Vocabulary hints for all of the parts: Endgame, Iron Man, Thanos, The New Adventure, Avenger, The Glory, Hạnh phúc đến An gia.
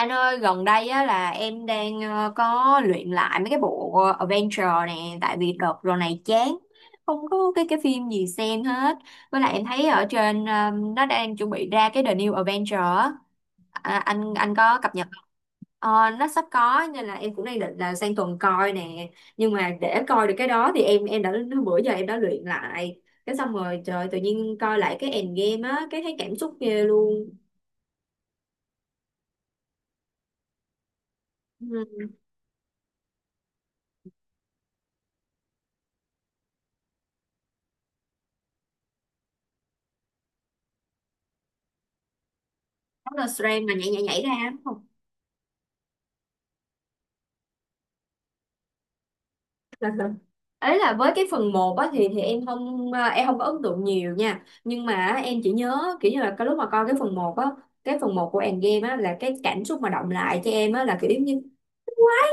Anh ơi, gần đây á, là em đang có luyện lại mấy cái bộ adventure nè, tại vì đợt rồi này chán, không có cái phim gì xem hết. Với lại em thấy ở trên nó đang chuẩn bị ra cái The New Adventure á. Anh có cập nhật không? Nó sắp có nên là em cũng đang định là sang tuần coi nè. Nhưng mà để coi được cái đó thì em đã bữa giờ em đã luyện lại. Cái xong rồi trời tự nhiên coi lại cái Endgame á, cái thấy cảm xúc ghê luôn. Ừ, nó là stream mà nhảy nhảy nhảy ra đúng không? Ấy là với cái phần một á thì em không à, em không có ấn tượng nhiều nha, nhưng mà á, em chỉ nhớ kiểu như là cái lúc mà coi cái phần một á, cái phần một của Endgame á là cái cảm xúc mà động lại cho em á là kiểu giống như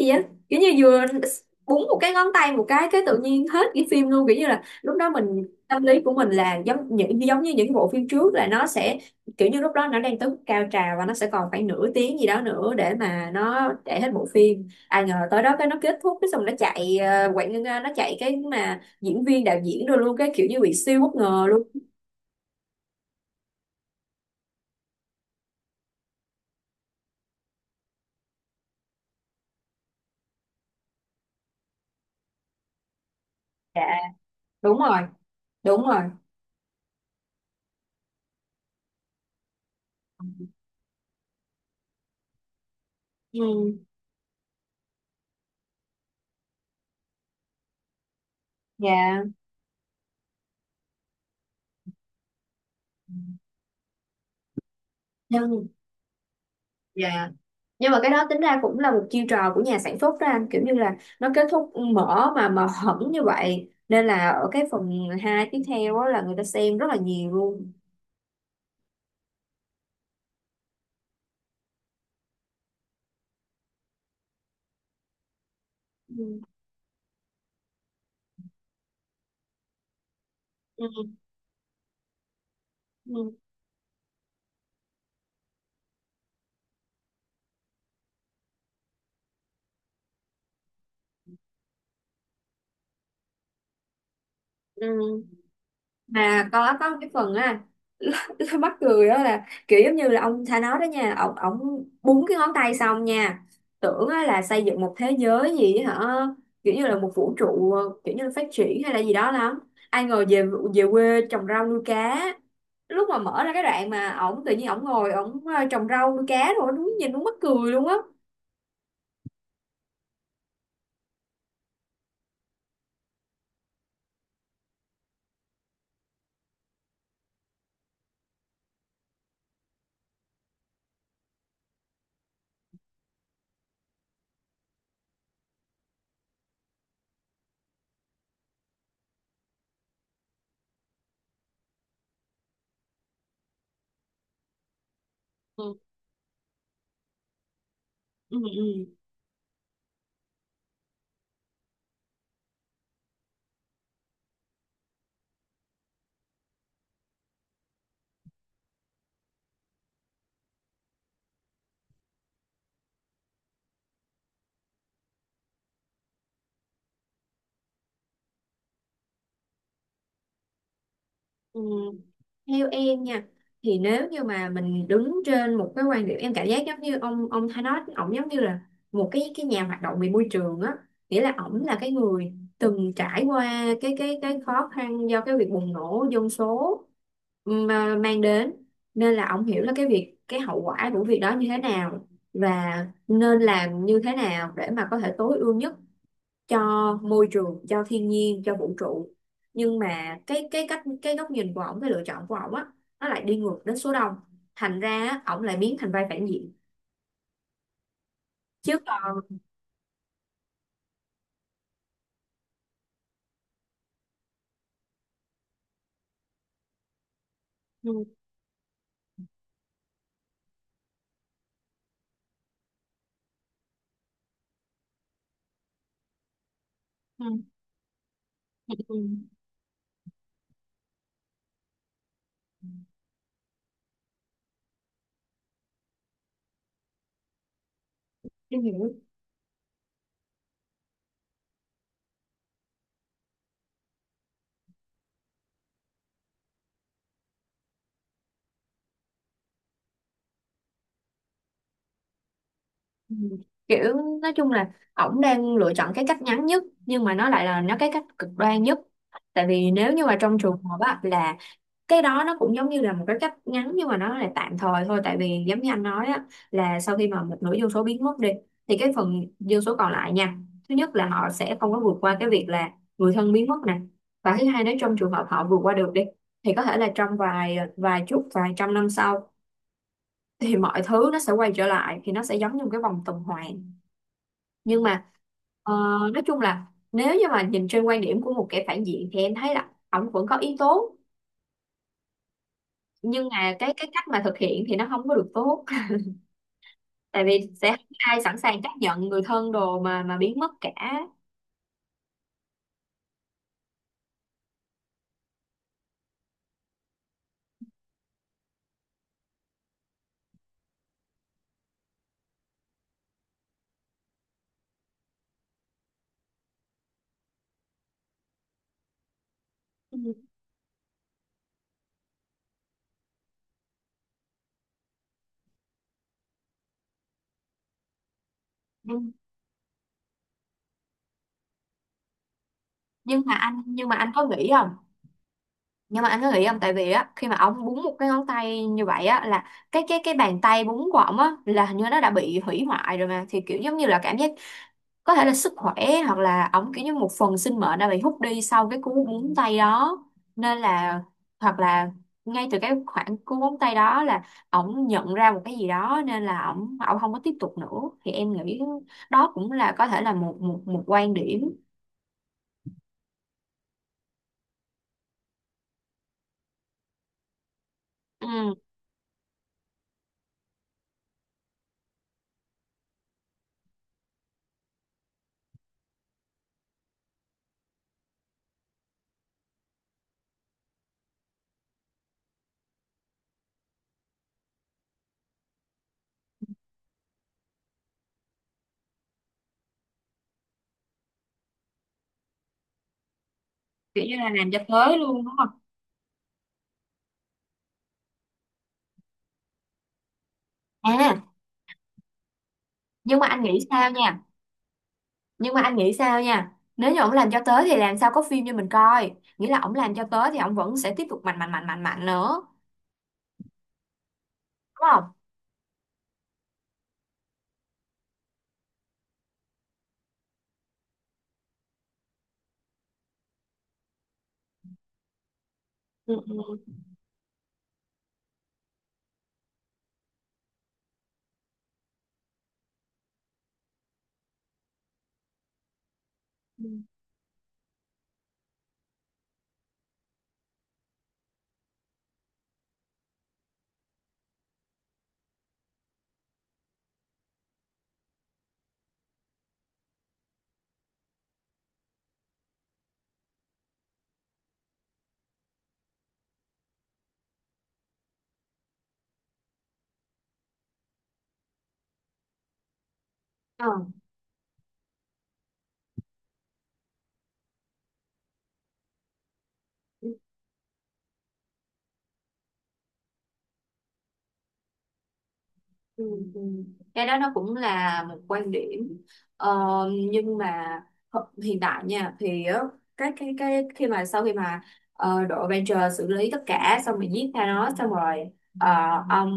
gì á, kiểu như vừa búng một cái ngón tay một cái tự nhiên hết cái phim luôn, kiểu như là lúc đó mình tâm lý của mình là giống như những bộ phim trước là nó sẽ kiểu như lúc đó nó đang tới mức cao trào và nó sẽ còn khoảng nửa tiếng gì đó nữa để mà nó chạy hết bộ phim, ai ngờ tới đó cái nó kết thúc, cái xong nó chạy quảng nó chạy cái mà diễn viên đạo diễn rồi luôn, cái kiểu như bị siêu bất ngờ luôn. Dạ, đúng rồi, đúng rồi, ừ. dạ nhưng dạ, nhưng mà cái đó tính ra cũng là một chiêu trò của nhà sản xuất đó anh, kiểu như là nó kết thúc mở mà hẳn như vậy, nên là ở cái phần 2 tiếp theo đó là người ta xem rất là nhiều luôn. Ừ. Ừ, ừ, ừ. Mà có cái phần á mắc cười đó là kiểu giống như là ông Thanos đó nha, ông búng cái ngón tay xong nha, tưởng á là xây dựng một thế giới gì á hả, kiểu như là một vũ trụ kiểu như là phát triển hay là gì đó lắm, ai ngờ về về quê trồng rau nuôi cá. Lúc mà mở ra cái đoạn mà ổng tự nhiên ổng ngồi ổng trồng rau nuôi cá rồi đúng nhìn đúng mắc cười luôn á. Ừ, ừ, ừ. Ừ. Theo em nha, thì nếu như mà mình đứng trên một cái quan điểm, em cảm giác giống như ông Thanos ổng giống như là một cái nhà hoạt động về môi trường á, nghĩa là ổng là cái người từng trải qua cái khó khăn do cái việc bùng nổ dân số mà mang đến, nên là ổng hiểu là cái hậu quả của việc đó như thế nào và nên làm như thế nào để mà có thể tối ưu nhất cho môi trường, cho thiên nhiên, cho vũ trụ. Nhưng mà cái góc nhìn của ổng, cái lựa chọn của ổng á, nó lại đi ngược đến số đông, thành ra á, ổng lại biến thành vai phản diện chứ còn. Ừ, ừ, ừ, em hiểu. Ừ. Kiểu, nói chung là ổng đang lựa chọn cái cách ngắn nhất, nhưng mà nó lại là nó cái cách cực đoan nhất, tại vì nếu như mà trong trường hợp á là cái đó nó cũng giống như là một cái cách ngắn nhưng mà nó là tạm thời thôi. Tại vì giống như anh nói á, là sau khi mà một nửa dân số biến mất đi thì cái phần dân số còn lại nha, thứ nhất là họ sẽ không có vượt qua cái việc là người thân biến mất nè, và thứ hai nếu trong trường hợp họ vượt qua được đi thì có thể là trong vài vài chục, vài trăm năm sau thì mọi thứ nó sẽ quay trở lại, thì nó sẽ giống như một cái vòng tuần hoàn. Nhưng mà ờ, nói chung là nếu như mà nhìn trên quan điểm của một kẻ phản diện thì em thấy là ổng vẫn có yếu tố, nhưng mà cái cách mà thực hiện thì nó không có được tốt tại vì sẽ không có ai sẵn sàng chấp nhận người thân đồ mà biến mất cả. Ừ. nhưng nhưng mà anh, nhưng mà anh có nghĩ không nhưng mà anh có nghĩ không, tại vì á khi mà ông búng một cái ngón tay như vậy á là cái bàn tay búng của ông á là hình như nó đã bị hủy hoại rồi mà, thì kiểu giống như là cảm giác có thể là sức khỏe, hoặc là ổng kiểu như một phần sinh mệnh đã bị hút đi sau cái cú búng tay đó, nên là hoặc là ngay từ cái khoảng cú búng tay đó là ổng nhận ra một cái gì đó nên là ổng ổng không có tiếp tục nữa. Thì em nghĩ đó cũng là có thể là một một một quan điểm. Ừ, kiểu như là làm cho tới luôn đúng không? À, nhưng mà anh nghĩ sao nha, nếu như ổng làm cho tới thì làm sao có phim cho mình coi, nghĩa là ổng làm cho tới thì ổng vẫn sẽ tiếp tục mạnh mạnh mạnh mạnh mạnh nữa đúng không. Ờ. Ừ, ừ. Cái đó nó cũng là một quan điểm, ờ, nhưng mà hiện tại nha thì á, cái khi mà sau khi mà đội Avenger xử lý tất cả xong rồi giết Thanos xong rồi ờ, ông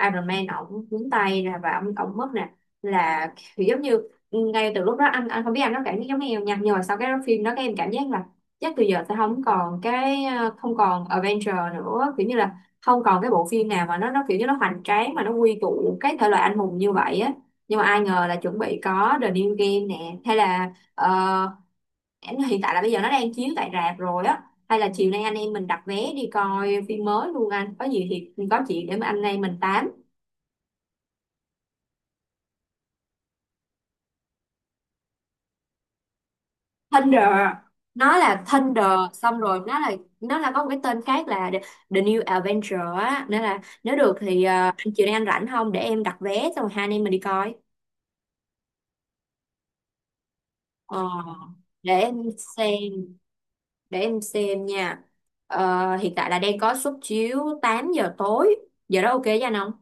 Iron Man ổng nhúng tay ra và ổng mất nè, là kiểu giống như ngay từ lúc đó anh không biết anh có cảm giác giống em nha, nhưng mà sau cái phim đó các em cảm giác là chắc từ giờ sẽ không còn không còn Avenger nữa, kiểu như là không còn cái bộ phim nào mà nó kiểu như nó hoành tráng mà nó quy tụ cái thể loại anh hùng như vậy á. Nhưng mà ai ngờ là chuẩn bị có The New Game nè, hay là hiện tại là bây giờ nó đang chiếu tại rạp rồi á, hay là chiều nay anh em mình đặt vé đi coi phim mới luôn, anh có gì thì có chuyện để mà anh em mình tám. Thunder, nó là Thunder, xong rồi nó là có một cái tên khác là The New Adventure á, nên là nếu được thì anh chiều nay anh rảnh không để em đặt vé xong rồi hai anh em mình đi coi. Ờ, để em xem để em xem nha. Ờ, hiện tại là đang có suất chiếu 8 giờ tối, giờ đó ok với anh không?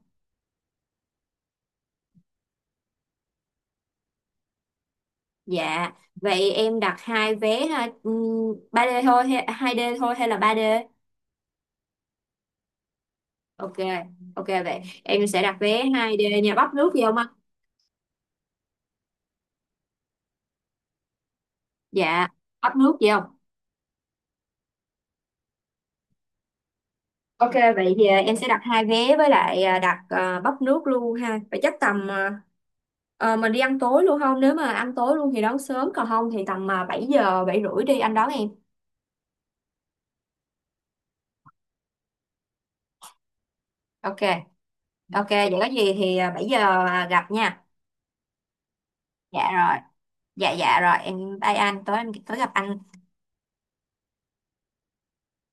Dạ vậy em đặt hai vé ha. 3D thôi hay 2D thôi hay là ba đê? Ok, ok, vậy em sẽ đặt vé hai đê nha, bắp nước gì không anh? Dạ. Bắp nước gì không? Ok, vậy thì em sẽ đặt hai vé với lại đặt bắp nước luôn ha, vậy chắc tầm mình đi ăn tối luôn không, nếu mà ăn tối luôn thì đón sớm còn không thì tầm 7 giờ 7 rưỡi đi anh đón em. Ok. Ok, vậy có gì thì 7 giờ gặp nha. Dạ rồi. Dạ dạ rồi, em bye anh, tối gặp anh.